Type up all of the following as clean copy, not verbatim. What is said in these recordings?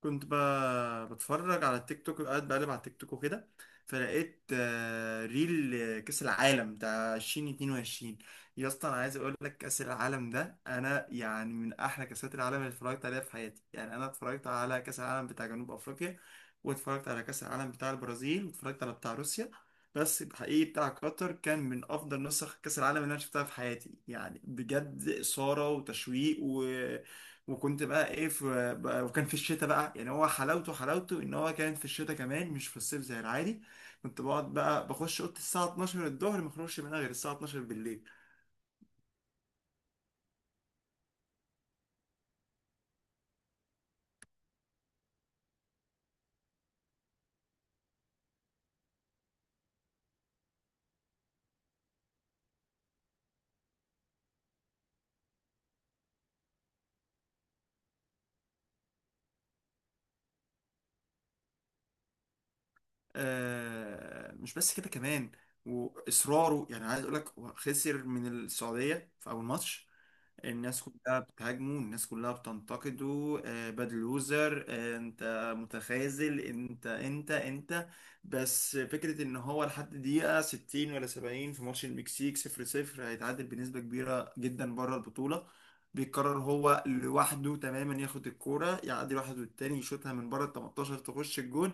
كنت ب... بتفرج على التيك توك، قاعد بقلب على التيك توك وكده. فلقيت ريل، كأس العالم بتاع 2022. يا اسطى انا عايز اقول لك، كأس العالم ده انا يعني من احلى كأسات العالم اللي اتفرجت عليها في حياتي. يعني انا اتفرجت على كأس العالم بتاع جنوب افريقيا، واتفرجت على كأس العالم بتاع البرازيل، واتفرجت على بتاع روسيا، بس الحقيقي بتاع قطر كان من افضل نسخ كأس العالم اللي انا شفتها في حياتي. يعني بجد إثارة وتشويق وكنت بقى ايه في بقى، وكان في الشتاء بقى. يعني هو حلاوته ان هو كان في الشتاء كمان، مش في الصيف زي العادي. كنت بقعد بقى بخش اوضتي الساعة 12 الظهر، ما اخرجش منها غير الساعة 12 بالليل. آه مش بس كده كمان، واصراره، يعني عايز اقول لك، هو خسر من السعودية في اول ماتش. الناس كلها بتهاجمه، الناس كلها بتنتقده، باد لوزر، انت متخاذل، انت. بس فكرة ان هو لحد دقيقة 60 ولا 70 في ماتش المكسيك 0-0، هيتعادل بنسبة كبيرة جدا بره البطولة. بيقرر هو لوحده تماما، ياخد الكورة، يعدي واحد والتاني، يشوطها من بره ال 18 تخش الجون.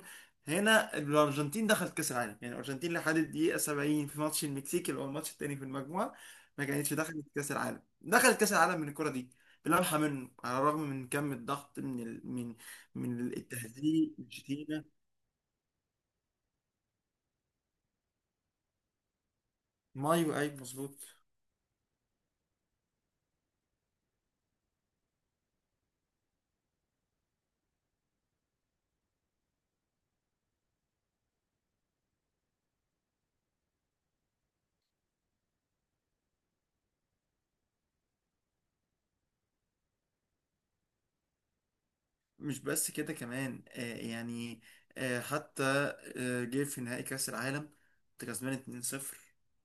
هنا الأرجنتين دخلت كأس العالم. يعني الأرجنتين لحد الدقيقة 70 في ماتش المكسيك، اللي هو الماتش التاني في المجموعة، ما كانتش دخلت كأس العالم. دخلت كاس العالم من الكره دي، بلمحه منه، على الرغم من كم الضغط من من التهديد، الشتيمه. مايو، ايوه مظبوط. مش بس كده كمان، آه يعني، آه حتى، آه جه في نهائي كاس العالم. كنت كسبان 2-0،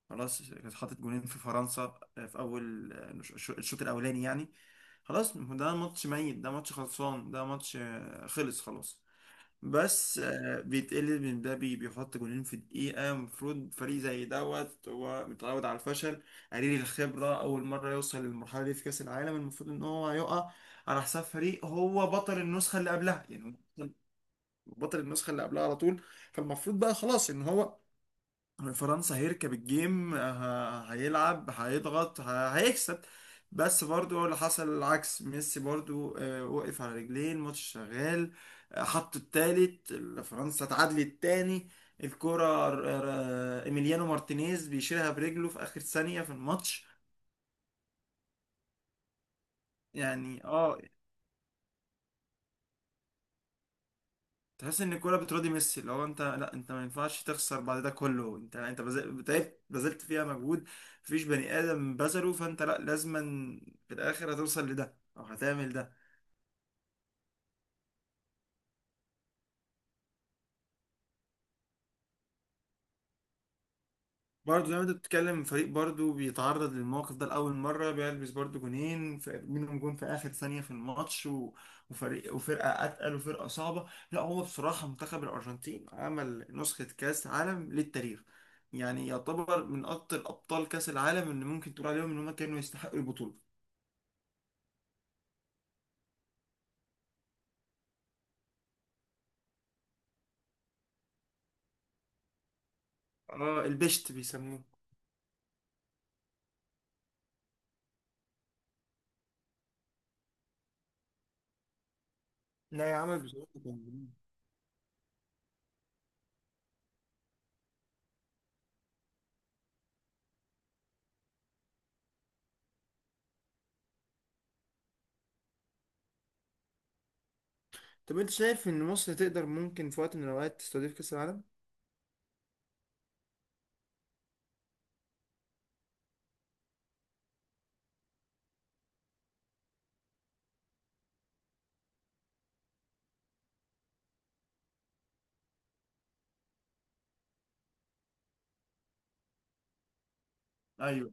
خلاص، كانت حاطط جونين في فرنسا في اول الشوط الاولاني يعني. خلاص ده ماتش ميت، ده ماتش خلصان، ده ماتش خلص خلاص. بس بيتقلل من ده، بيحط جونين في دقيقة. المفروض فريق زي دوت هو متعود على الفشل، قليل الخبرة، أول مرة يوصل للمرحلة دي في كأس العالم، المفروض إن هو هيقع على حساب فريق هو بطل النسخة اللي قبلها. يعني هو بطل النسخة اللي قبلها على طول. فالمفروض بقى خلاص إن هو فرنسا هيركب الجيم، هيلعب، هيضغط، هيكسب. بس برضو اللي حصل العكس. ميسي برضو، وقف على رجليه، الماتش شغال، حط التالت. فرنسا اتعادلت تاني. الكرة ايميليانو مارتينيز بيشيلها برجله في اخر ثانية في الماتش. يعني اه، تحس ان الكوره بتراضي ميسي. لو انت، لا انت ما ينفعش تخسر بعد ده كله. انت، تعبت، بذلت فيها مجهود. مفيش بني ادم بذله، فانت لا لازما في الاخر هتوصل لده او هتعمل ده. برضه زي ما انت بتتكلم، فريق برضه بيتعرض للموقف ده لأول مرة، بيلبس برضه جونين، منهم جون في آخر ثانية في الماتش، وفرقة أتقل، وفرقة صعبة. لا هو بصراحة منتخب الأرجنتين عمل نسخة كأس عالم للتاريخ. يعني يعتبر من أكتر أبطال كأس العالم اللي ممكن تقول عليهم إن هم كانوا يستحقوا البطولة. اه البشت بيسموه. لا يا عمل بصراحة كان جميل. طب انت شايف ان مصر تقدر، ممكن في وقت من الاوقات تستضيف كأس العالم؟ ايوه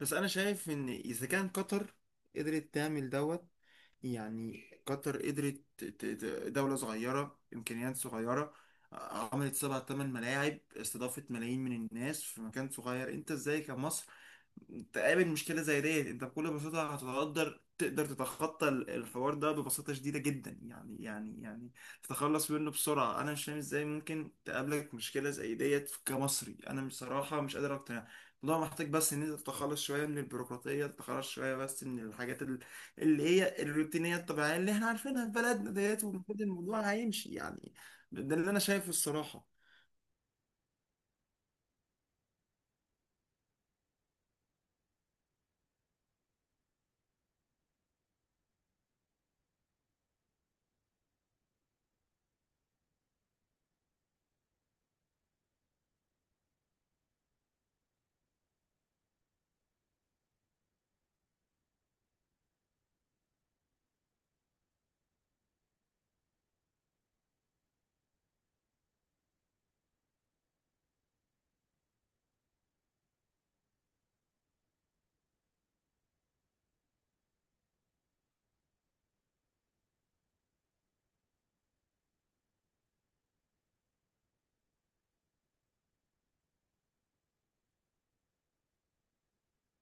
بس انا شايف ان اذا كان قطر قدرت تعمل دوت، يعني قطر قدرت دولة صغيرة، إمكانيات صغيرة، عملت سبع تمن ملاعب، استضافت ملايين من الناس في مكان صغير، أنت إزاي كمصر تقابل مشكلة زي ديت؟ انت بكل بساطة هتقدر، تقدر تتخطى الحوار ده ببساطة شديدة جدا يعني، يعني تتخلص منه بسرعة. انا مش فاهم ازاي ممكن تقابلك مشكلة زي ديت كمصري. انا بصراحة مش قادر اقتنع. الموضوع محتاج بس ان انت تتخلص شوية من البيروقراطية، تتخلص شوية بس من الحاجات اللي هي الروتينية الطبيعية اللي احنا عارفينها في بلدنا ديت، ومفروض الموضوع هيمشي يعني. ده اللي انا شايفه الصراحة.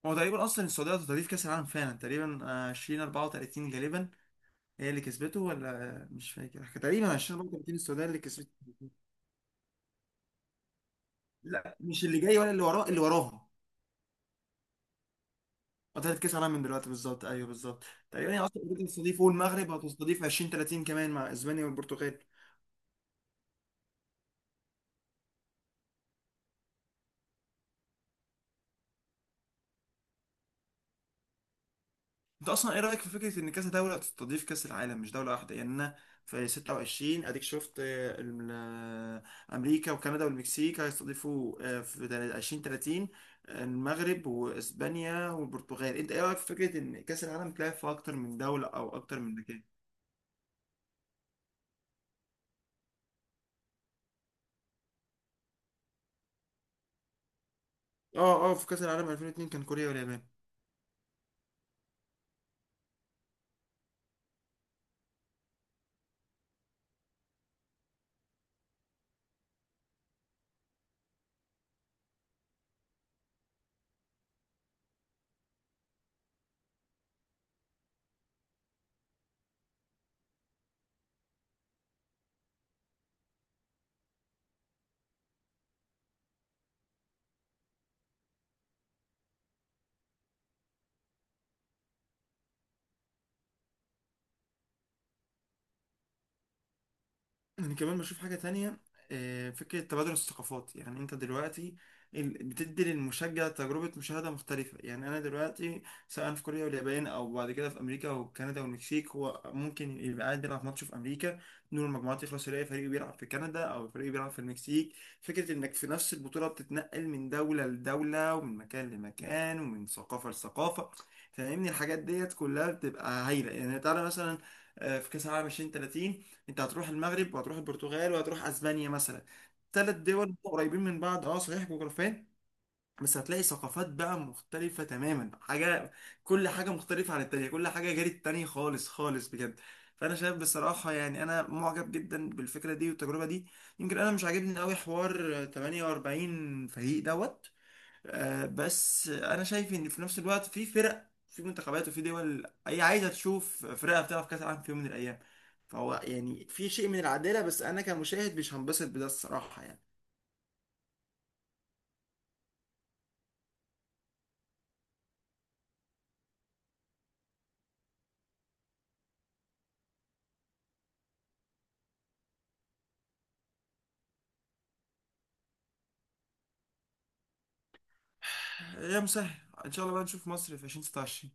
هو تقريبا اصلا السعودية هتستضيف كاس العالم فعلا تقريبا، 20 34 غالبا، هي اللي كسبته، ولا مش فاكر تقريبا 20 برضه تيم السودان اللي كسبته. لا مش اللي جاي ولا اللي وراه، اللي وراها. بطلت كاس عالم من دلوقتي بالظبط، ايوه بالظبط. تقريبا هي اصلا بتستضيف، والمغرب هتستضيف 20 30 كمان مع اسبانيا والبرتغال. انت اصلا ايه رايك في فكره ان كذا دوله تستضيف كاس العالم مش دوله واحده؟ يعني انا في 26 اديك شفت، امريكا وكندا والمكسيك هيستضيفوا، في 20 30 المغرب واسبانيا والبرتغال. انت ايه رايك في فكره ان كاس العالم تلعب في اكتر من دوله او اكتر من مكان؟ اه في كاس العالم 2002 كان كوريا واليابان. انا كمان بشوف حاجه تانية، فكره تبادل الثقافات. يعني انت دلوقتي بتدي للمشجع تجربه مشاهده مختلفه. يعني انا دلوقتي سواء في كوريا واليابان، او بعد كده في امريكا وكندا والمكسيك، هو ممكن يبقى قاعد بيلعب ماتش في امريكا، دور المجموعات يخلص يلاقي فريق بيلعب في كندا او فريق بيلعب في المكسيك. فكره انك في نفس البطوله بتتنقل من دوله لدوله، ومن مكان لمكان، ومن ثقافه لثقافه، فاهمني؟ الحاجات ديت كلها بتبقى هايله يعني. تعالى مثلا في كاس العالم 2030، انت هتروح المغرب وهتروح البرتغال وهتروح اسبانيا مثلا، ثلاث دول قريبين من بعض، اه صحيح جغرافيا، بس هتلاقي ثقافات بقى مختلفة تماما. حاجة، كل حاجة مختلفة عن التانية، كل حاجة غير التانية خالص خالص بجد. فأنا شايف بصراحة يعني، أنا معجب جدا بالفكرة دي والتجربة دي. يمكن أنا مش عاجبني أوي حوار 48 فريق دوت، بس انا شايف ان في نفس الوقت في فرق، في منتخبات، وفي دول هي عايزه تشوف فرقها بتلعب كاس العالم في يوم من الايام. فهو يعني في شيء من العداله، بس انا كمشاهد مش هنبسط بده الصراحه يعني. يا مسهل، ان شاء الله بقى نشوف مصر في 2026.